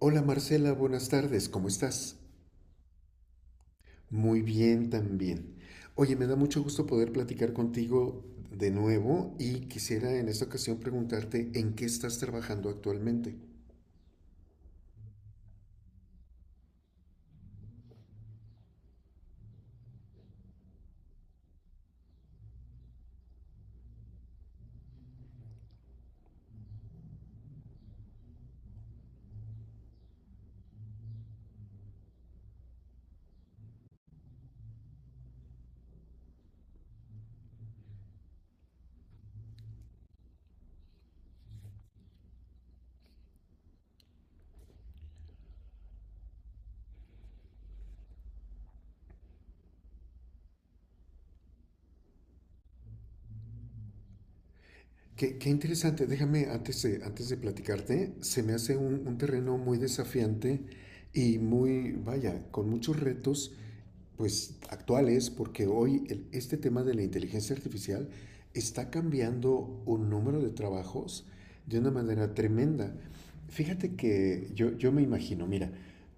Hola Marcela, buenas tardes, ¿cómo estás? Muy bien también. Oye, me da mucho gusto poder platicar contigo de nuevo y quisiera en esta ocasión preguntarte en qué estás trabajando actualmente. Qué interesante, déjame antes de platicarte, se me hace un terreno muy desafiante y muy, vaya, con muchos retos, pues actuales, porque hoy este tema de la inteligencia artificial está cambiando un número de trabajos de una manera tremenda. Fíjate que yo me imagino, mira,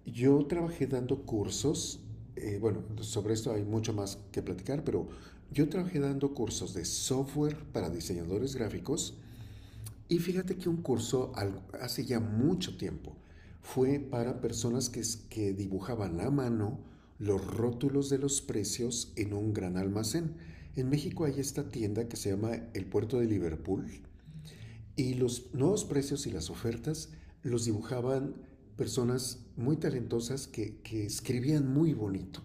yo trabajé dando cursos, bueno, sobre esto hay mucho más que platicar, pero yo trabajé dando cursos de software para diseñadores gráficos y fíjate que un hace ya mucho tiempo fue para personas que dibujaban a mano los rótulos de los precios en un gran almacén. En México hay esta tienda que se llama El Puerto de Liverpool y los nuevos precios y las ofertas los dibujaban personas muy talentosas que escribían muy bonito.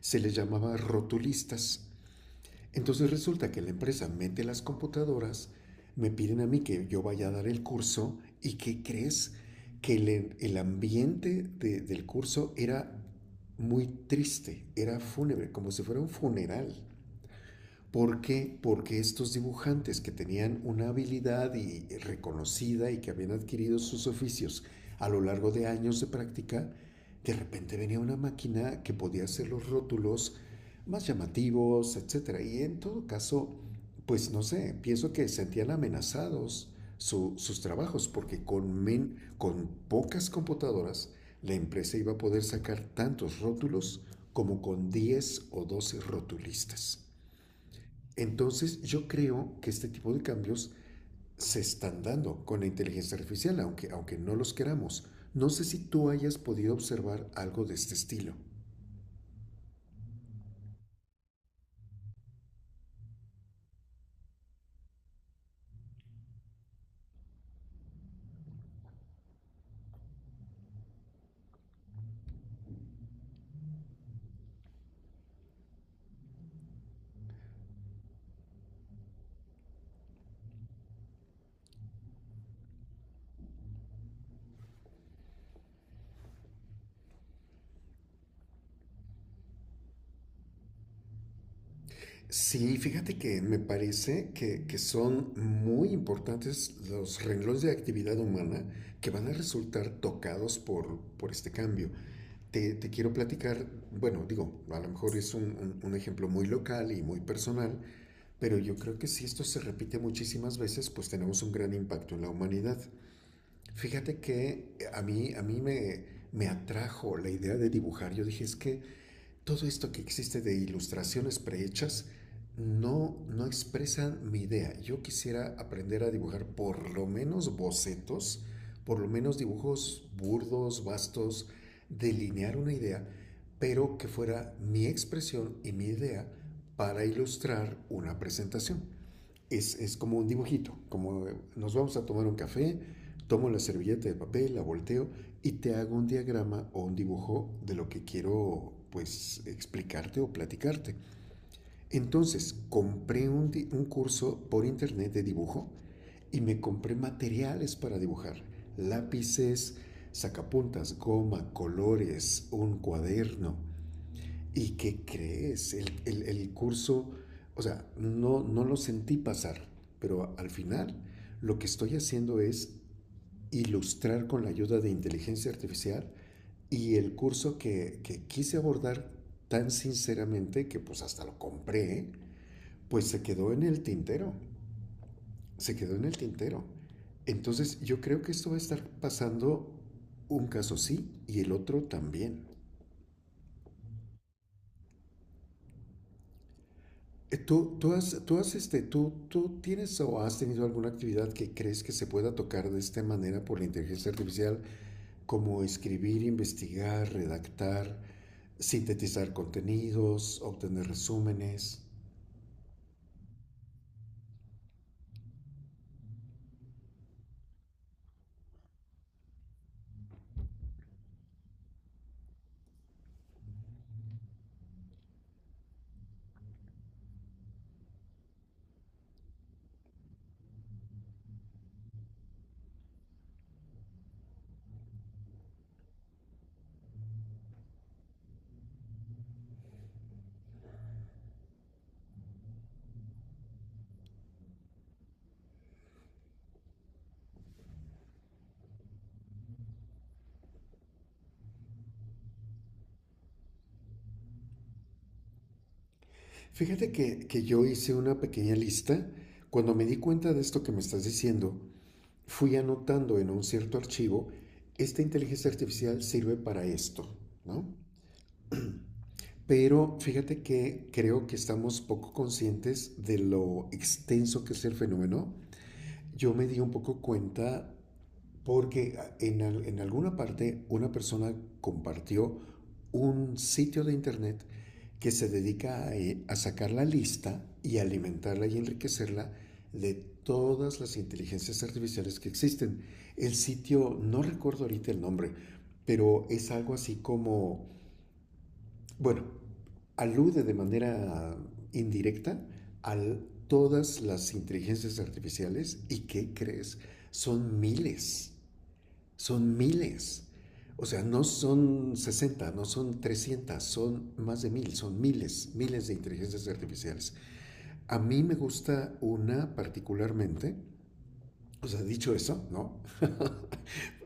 Se les llamaba rotulistas. Entonces resulta que la empresa mete las computadoras, me piden a mí que yo vaya a dar el curso. ¿Y qué crees? Que el ambiente del curso era muy triste, era fúnebre, como si fuera un funeral. ¿Por qué? Porque estos dibujantes que tenían una habilidad y reconocida y que habían adquirido sus oficios a lo largo de años de práctica, de repente venía una máquina que podía hacer los rótulos más llamativos, etcétera. Y en todo caso, pues no sé, pienso que sentían amenazados sus trabajos porque con pocas computadoras la empresa iba a poder sacar tantos rótulos como con 10 o 12 rotulistas. Entonces yo creo que este tipo de cambios se están dando con la inteligencia artificial, aunque no los queramos. No sé si tú hayas podido observar algo de este estilo. Sí, fíjate que me parece que son muy importantes los renglones de actividad humana que van a resultar tocados por este cambio. Te quiero platicar, bueno, digo, a lo mejor es un, un ejemplo muy local y muy personal, pero yo creo que si esto se repite muchísimas veces, pues tenemos un gran impacto en la humanidad. Fíjate que a mí, me atrajo la idea de dibujar. Yo dije, es que todo esto que existe de ilustraciones prehechas no expresan mi idea. Yo quisiera aprender a dibujar por lo menos bocetos, por lo menos dibujos burdos, vastos, delinear una idea, pero que fuera mi expresión y mi idea para ilustrar una presentación como un dibujito, como nos vamos a tomar un café, tomo la servilleta de papel, la volteo y te hago un diagrama o un dibujo de lo que quiero pues explicarte o platicarte. Entonces compré un curso por internet de dibujo y me compré materiales para dibujar, lápices, sacapuntas, goma, colores, un cuaderno. ¿Y qué crees? El, el curso, o sea, no lo sentí pasar, pero al final lo que estoy haciendo es ilustrar con la ayuda de inteligencia artificial, y el curso que quise abordar tan sinceramente que pues hasta lo compré, pues se quedó en el tintero, se quedó en el tintero. Entonces yo creo que esto va a estar pasando un caso sí y el otro también. ¿Tú, tú tienes o has tenido alguna actividad que crees que se pueda tocar de esta manera por la inteligencia artificial, como escribir, investigar, redactar, sintetizar contenidos, obtener resúmenes? Fíjate que yo hice una pequeña lista. Cuando me di cuenta de esto que me estás diciendo, fui anotando en un cierto archivo, esta inteligencia artificial sirve para esto, ¿no? Pero fíjate que creo que estamos poco conscientes de lo extenso que es el fenómeno. Yo me di un poco cuenta porque en alguna parte una persona compartió un sitio de internet que se dedica a sacar la lista y alimentarla y enriquecerla de todas las inteligencias artificiales que existen. El sitio, no recuerdo ahorita el nombre, pero es algo así como, bueno, alude de manera indirecta a todas las inteligencias artificiales. ¿Y qué crees? Son miles, son miles. O sea, no son 60, no son 300, son más de mil, son miles, miles de inteligencias artificiales. A mí me gusta una particularmente, o sea, dicho eso, ¿no?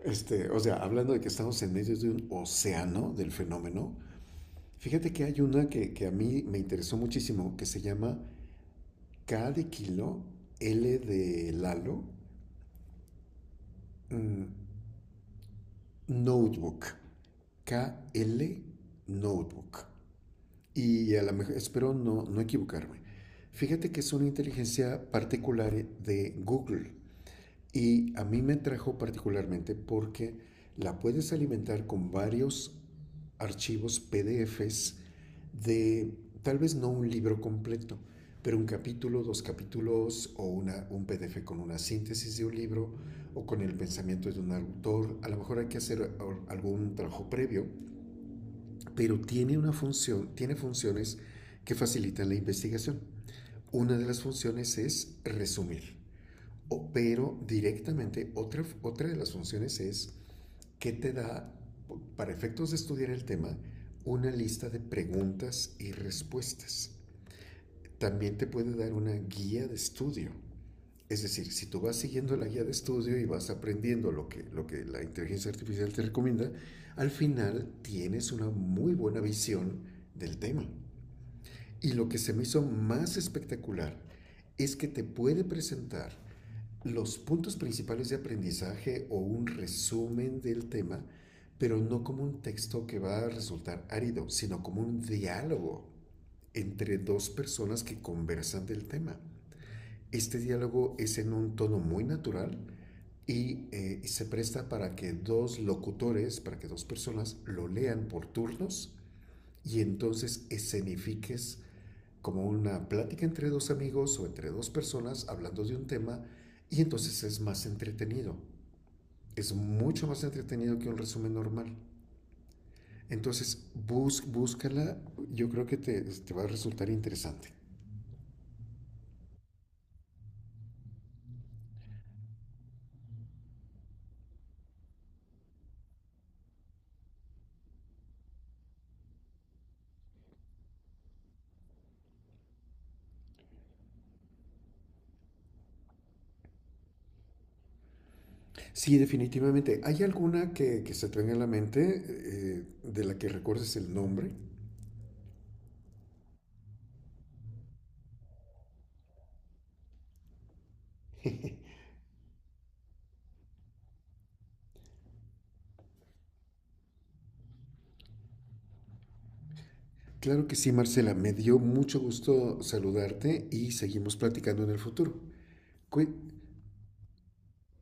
Este, o sea, hablando de que estamos en medio de un océano del fenómeno, fíjate que hay una que a mí me interesó muchísimo, que se llama K de kilo, L de Lalo, mm, Notebook. K L Notebook. Y a lo mejor, espero no equivocarme. Fíjate que es una inteligencia particular de Google. Y a mí me trajo particularmente porque la puedes alimentar con varios archivos PDFs de tal vez no un libro completo, pero un capítulo, dos capítulos o una, un PDF con una síntesis de un libro o con el pensamiento de un autor. A lo mejor hay que hacer algún trabajo previo, pero tiene una función, tiene funciones que facilitan la investigación. Una de las funciones es resumir. Pero directamente, otra de las funciones es que te da, para efectos de estudiar el tema, una lista de preguntas y respuestas. También te puede dar una guía de estudio. Es decir, si tú vas siguiendo la guía de estudio y vas aprendiendo lo que la inteligencia artificial te recomienda, al final tienes una muy buena visión del tema. Y lo que se me hizo más espectacular es que te puede presentar los puntos principales de aprendizaje o un resumen del tema, pero no como un texto que va a resultar árido, sino como un diálogo entre dos personas que conversan del tema. Este diálogo es en un tono muy natural y se presta para que dos locutores, para que dos personas lo lean por turnos y entonces escenifiques como una plática entre dos amigos o entre dos personas hablando de un tema y entonces es más entretenido. Es mucho más entretenido que un resumen normal. Entonces, búscala, yo creo que va a resultar interesante. Sí, definitivamente. ¿Hay alguna que se te venga a la mente, de la que recuerdes el nombre? Claro que sí, Marcela. Me dio mucho gusto saludarte y seguimos platicando en el futuro. Que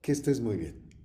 que estés muy bien.